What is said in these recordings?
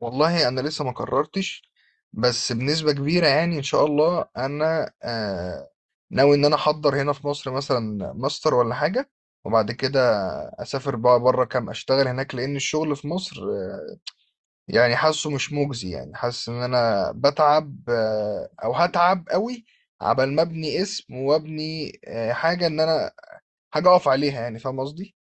والله انا لسه ما قررتش، بس بنسبة كبيرة يعني ان شاء الله انا ناوي ان انا احضر هنا في مصر مثلا ماستر ولا حاجة، وبعد كده اسافر بقى بره كام اشتغل هناك لان الشغل في مصر يعني حاسه مش مجزي، يعني حاسس ان انا بتعب او هتعب قوي عبال ما ابني اسم وابني حاجة، ان انا حاجة اقف عليها، يعني فاهم قصدي.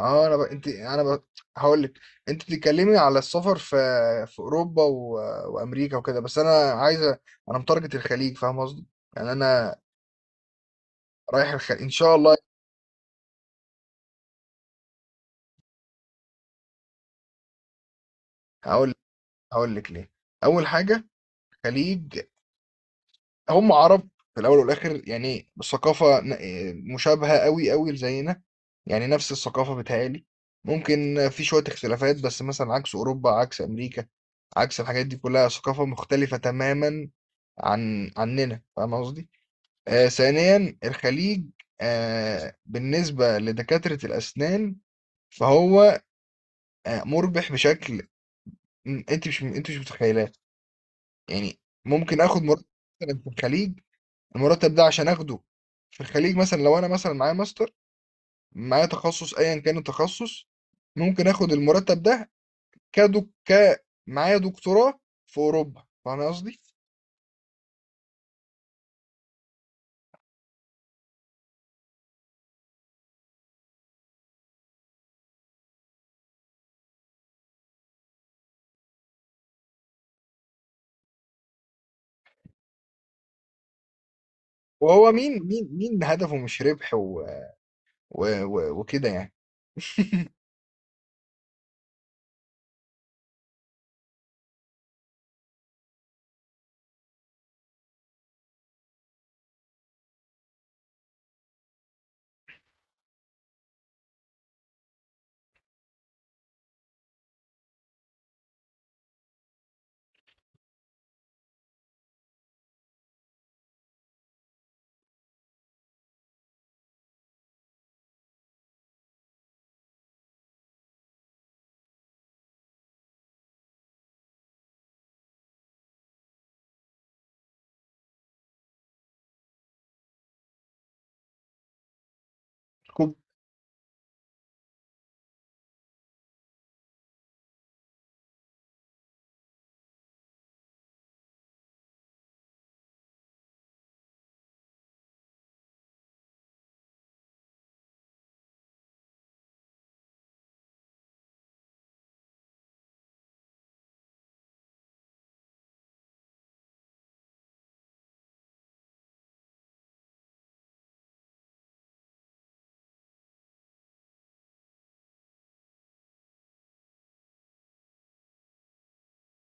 اه انا ب... انت انا ب... هقول لك. انت بتتكلمي على السفر في اوروبا وامريكا وكده، بس انا متارجت الخليج، فاهم قصدي؟ يعني انا رايح الخليج ان شاء الله. هقول هقول لك ليه. اول حاجه، خليج هم عرب في الاول والاخر، يعني الثقافه مشابهه قوي قوي زينا، يعني نفس الثقافه بتهيألي. ممكن في شويه اختلافات، بس مثلا عكس اوروبا، عكس امريكا، عكس الحاجات دي كلها ثقافه مختلفه تماما عننا، فاهم قصدي. ثانيا، الخليج بالنسبة لدكاترة الأسنان فهو مربح بشكل أنت مش متخيلاه، يعني. ممكن آخد مرتب مثلا في الخليج، المرتب ده عشان آخده في الخليج مثلا لو أنا مثلا معايا ماستر، معايا تخصص أيا كان التخصص، ممكن آخد المرتب ده كدك ك معايا دكتوراه في أوروبا، فاهم قصدي؟ وهو مين هدفه مش ربح وكده يعني. خب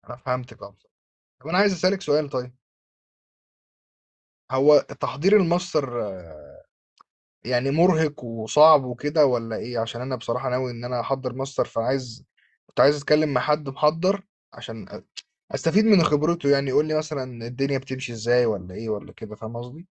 أنا فهمتك، أه. طب انا عايز اسالك سؤال، طيب. هو تحضير الماستر يعني مرهق وصعب وكده ولا ايه؟ عشان انا بصراحه ناوي ان انا احضر ماستر، كنت عايز اتكلم مع حد محضر عشان استفيد من خبرته، يعني يقول لي مثلا الدنيا بتمشي ازاي ولا ايه ولا كده، فاهم قصدي؟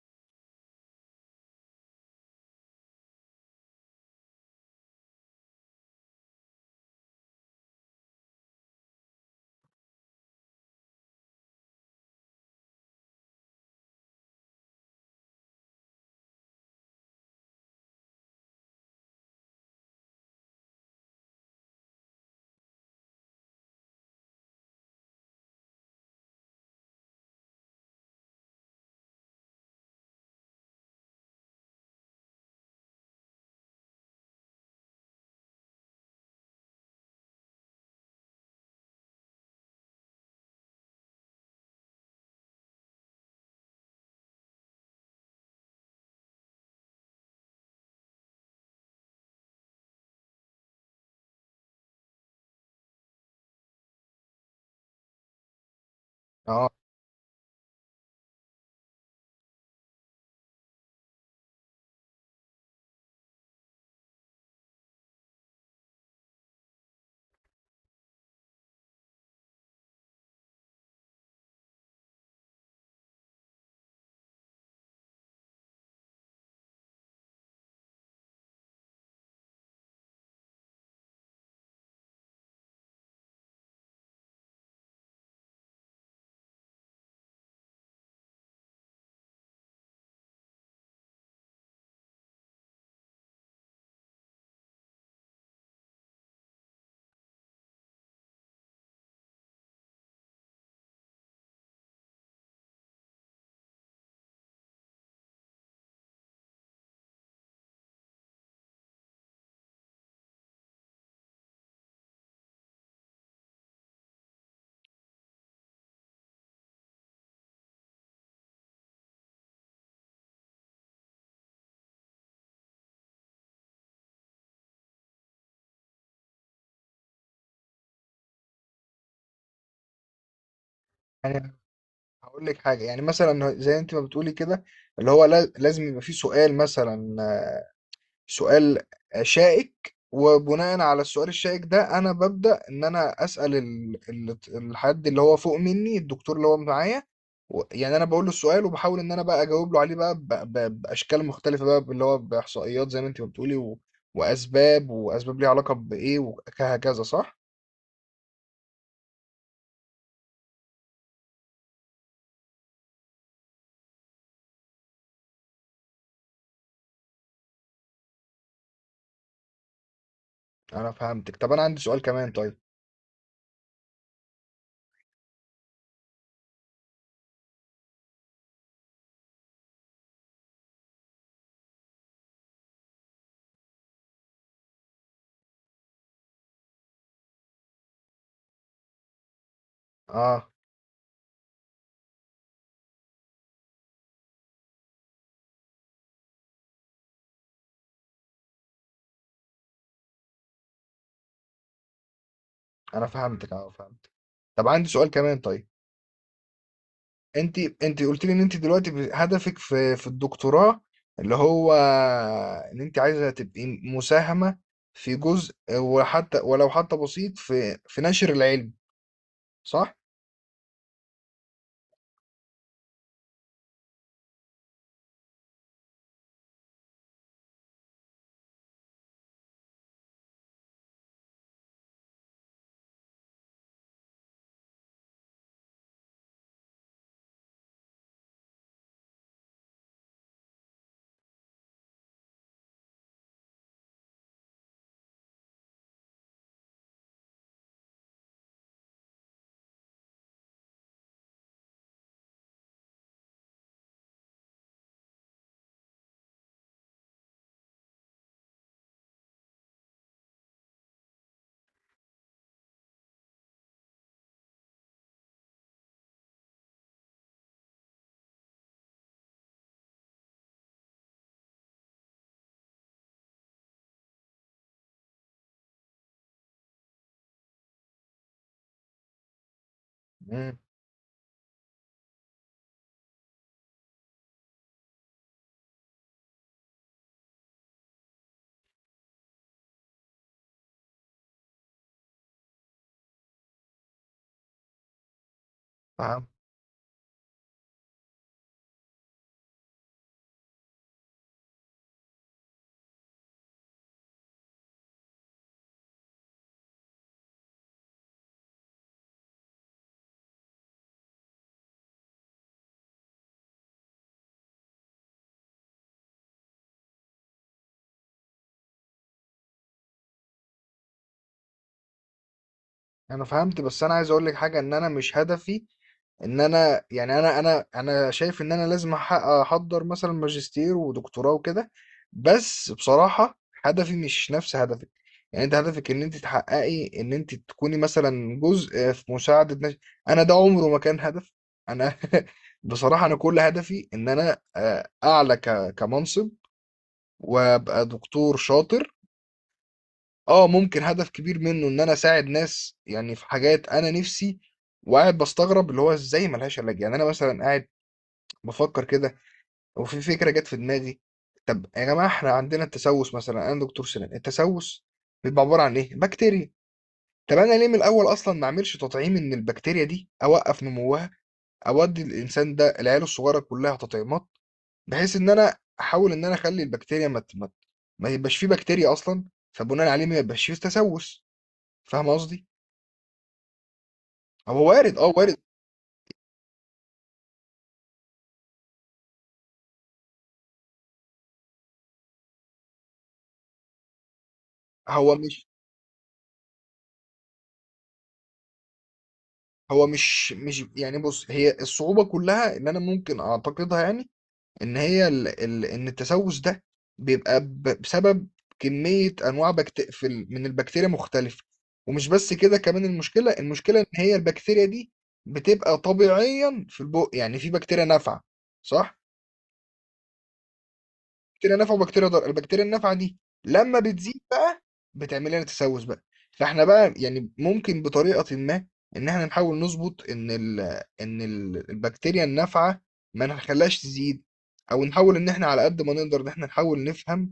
اه يعني هقول لك حاجه، يعني مثلا زي انت ما بتقولي كده، اللي هو لازم يبقى في سؤال، مثلا سؤال شائك، وبناء على السؤال الشائك ده انا ببدأ ان انا اسأل الحد اللي هو فوق مني، الدكتور اللي هو معايا. يعني انا بقول له السؤال، وبحاول ان انا بقى اجاوب له عليه بقى باشكال مختلفة، بقى اللي هو باحصائيات زي ما انت بتقولي واسباب ليها علاقة بايه وهكذا، صح؟ انا فهمتك. طب انا عندي سؤال كمان، طيب. اه انا فهمتك. طب عندي سؤال كمان، طيب. انت قلت لي ان انت دلوقتي هدفك في الدكتوراه اللي هو ان انت عايزه تبقي مساهمه في جزء، وحتى ولو حتى بسيط في نشر العلم، صح؟ امم. فهمت انا فهمت، بس انا عايز اقول لك حاجه، ان انا مش هدفي ان انا يعني انا شايف ان انا لازم احضر مثلا ماجستير ودكتوراه وكده، بس بصراحة هدفي مش نفس هدفك. يعني انت هدفك ان انت تحققي ان انت تكوني مثلا جزء في مساعدة ناس، انا ده عمره ما كان هدف. انا بصراحة انا كل هدفي ان انا اعلى كمنصب وابقى دكتور شاطر. اه ممكن هدف كبير منه ان انا اساعد ناس، يعني في حاجات انا نفسي وقاعد بستغرب اللي هو ازاي ملهاش علاج، يعني انا مثلا قاعد بفكر كده، وفي فكرة جت في دماغي. طب يا جماعة، احنا عندنا التسوس، مثلا انا دكتور سنان، التسوس بيبقى عبارة عن ايه؟ بكتيريا. طب انا ليه من الاول اصلا ما اعملش تطعيم، ان البكتيريا دي اوقف نموها، اودي الانسان ده، العيال الصغيرة كلها تطعيمات، بحيث ان انا احاول ان انا اخلي البكتيريا ما يبقاش فيه بكتيريا اصلا، فبناء عليه ما يبقاش فيه تسوس، فاهم قصدي؟ هو وارد، اه، وارد. هو مش هو مش يعني، بص هي الصعوبة كلها ان انا ممكن اعتقدها، يعني ان هي ان التسوس ده بيبقى بسبب كمية انواع من البكتيريا مختلفة، ومش بس كده كمان المشكلة ان هي البكتيريا دي بتبقى طبيعيا في البق، يعني في بكتيريا نافعة، صح. بكتيريا نافعه وبكتيريا ضاره، البكتيريا النافعه دي لما بتزيد بقى بتعمل لنا تسوس بقى. فاحنا بقى يعني ممكن بطريقه ما، ان احنا نحاول نظبط ان ال البكتيريا النافعه ما نخليهاش تزيد، او نحاول ان احنا على قد ما نقدر ان احنا نحاول نفهم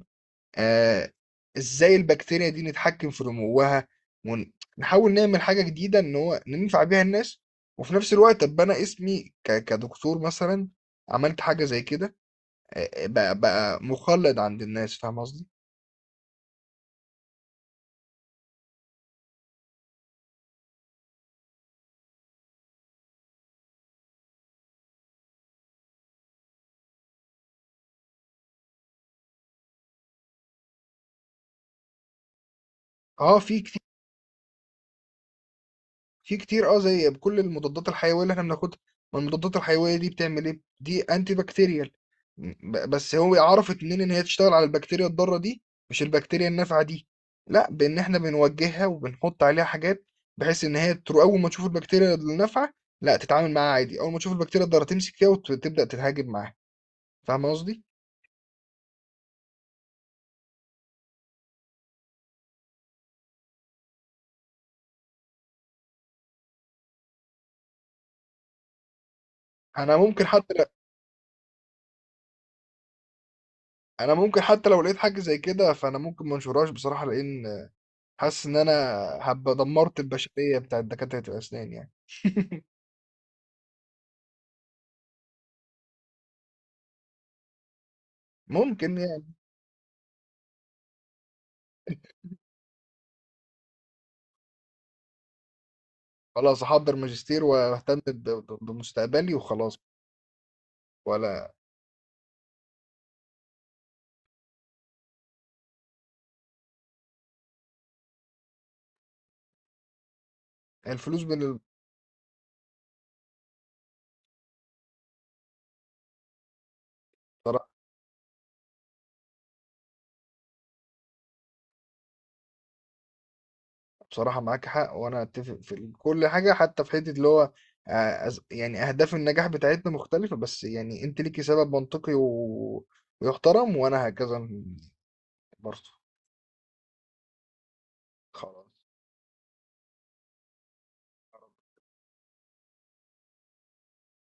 آه ازاي البكتيريا دي نتحكم في نموها، ونحاول نعمل حاجه جديده ان هو ننفع بيها الناس، وفي نفس الوقت ابقى انا اسمي كدكتور، مثلا عملت حاجه زي كده، بقى مخلد عند الناس، فاهم قصدي. اه في كتير في كتير، زي بكل المضادات الحيويه اللي احنا بناخدها. ما المضادات الحيويه دي بتعمل ايه؟ دي انتي بكتيريال. بس هو عرفت منين ان هي تشتغل على البكتيريا الضاره دي مش البكتيريا النافعه دي؟ لا، بان احنا بنوجهها وبنحط عليها حاجات بحيث ان هي اول ما تشوف البكتيريا النافعه لا تتعامل معاها عادي، اول ما تشوف البكتيريا الضاره تمسك فيها وتبدا تتهاجم معاها، فاهم قصدي. انا ممكن حتى ل- انا ممكن حتى لو لقيت حاجه زي كده فانا ممكن ما انشرهاش بصراحه، لان حاسس ان انا هبقى دمرت البشريه بتاعت دكاتره الاسنان يعني. ممكن يعني. خلاص، احضر ماجستير واهتم بمستقبلي وخلاص. ولا الفلوس بصراحه، بصراحة معاك حق، وانا اتفق في كل حاجه، حتى في حته اللي هو يعني اهداف النجاح بتاعتنا مختلفه بس، يعني انت ليكي سبب منطقي ويحترم، وانا هكذا برضه، خلاص.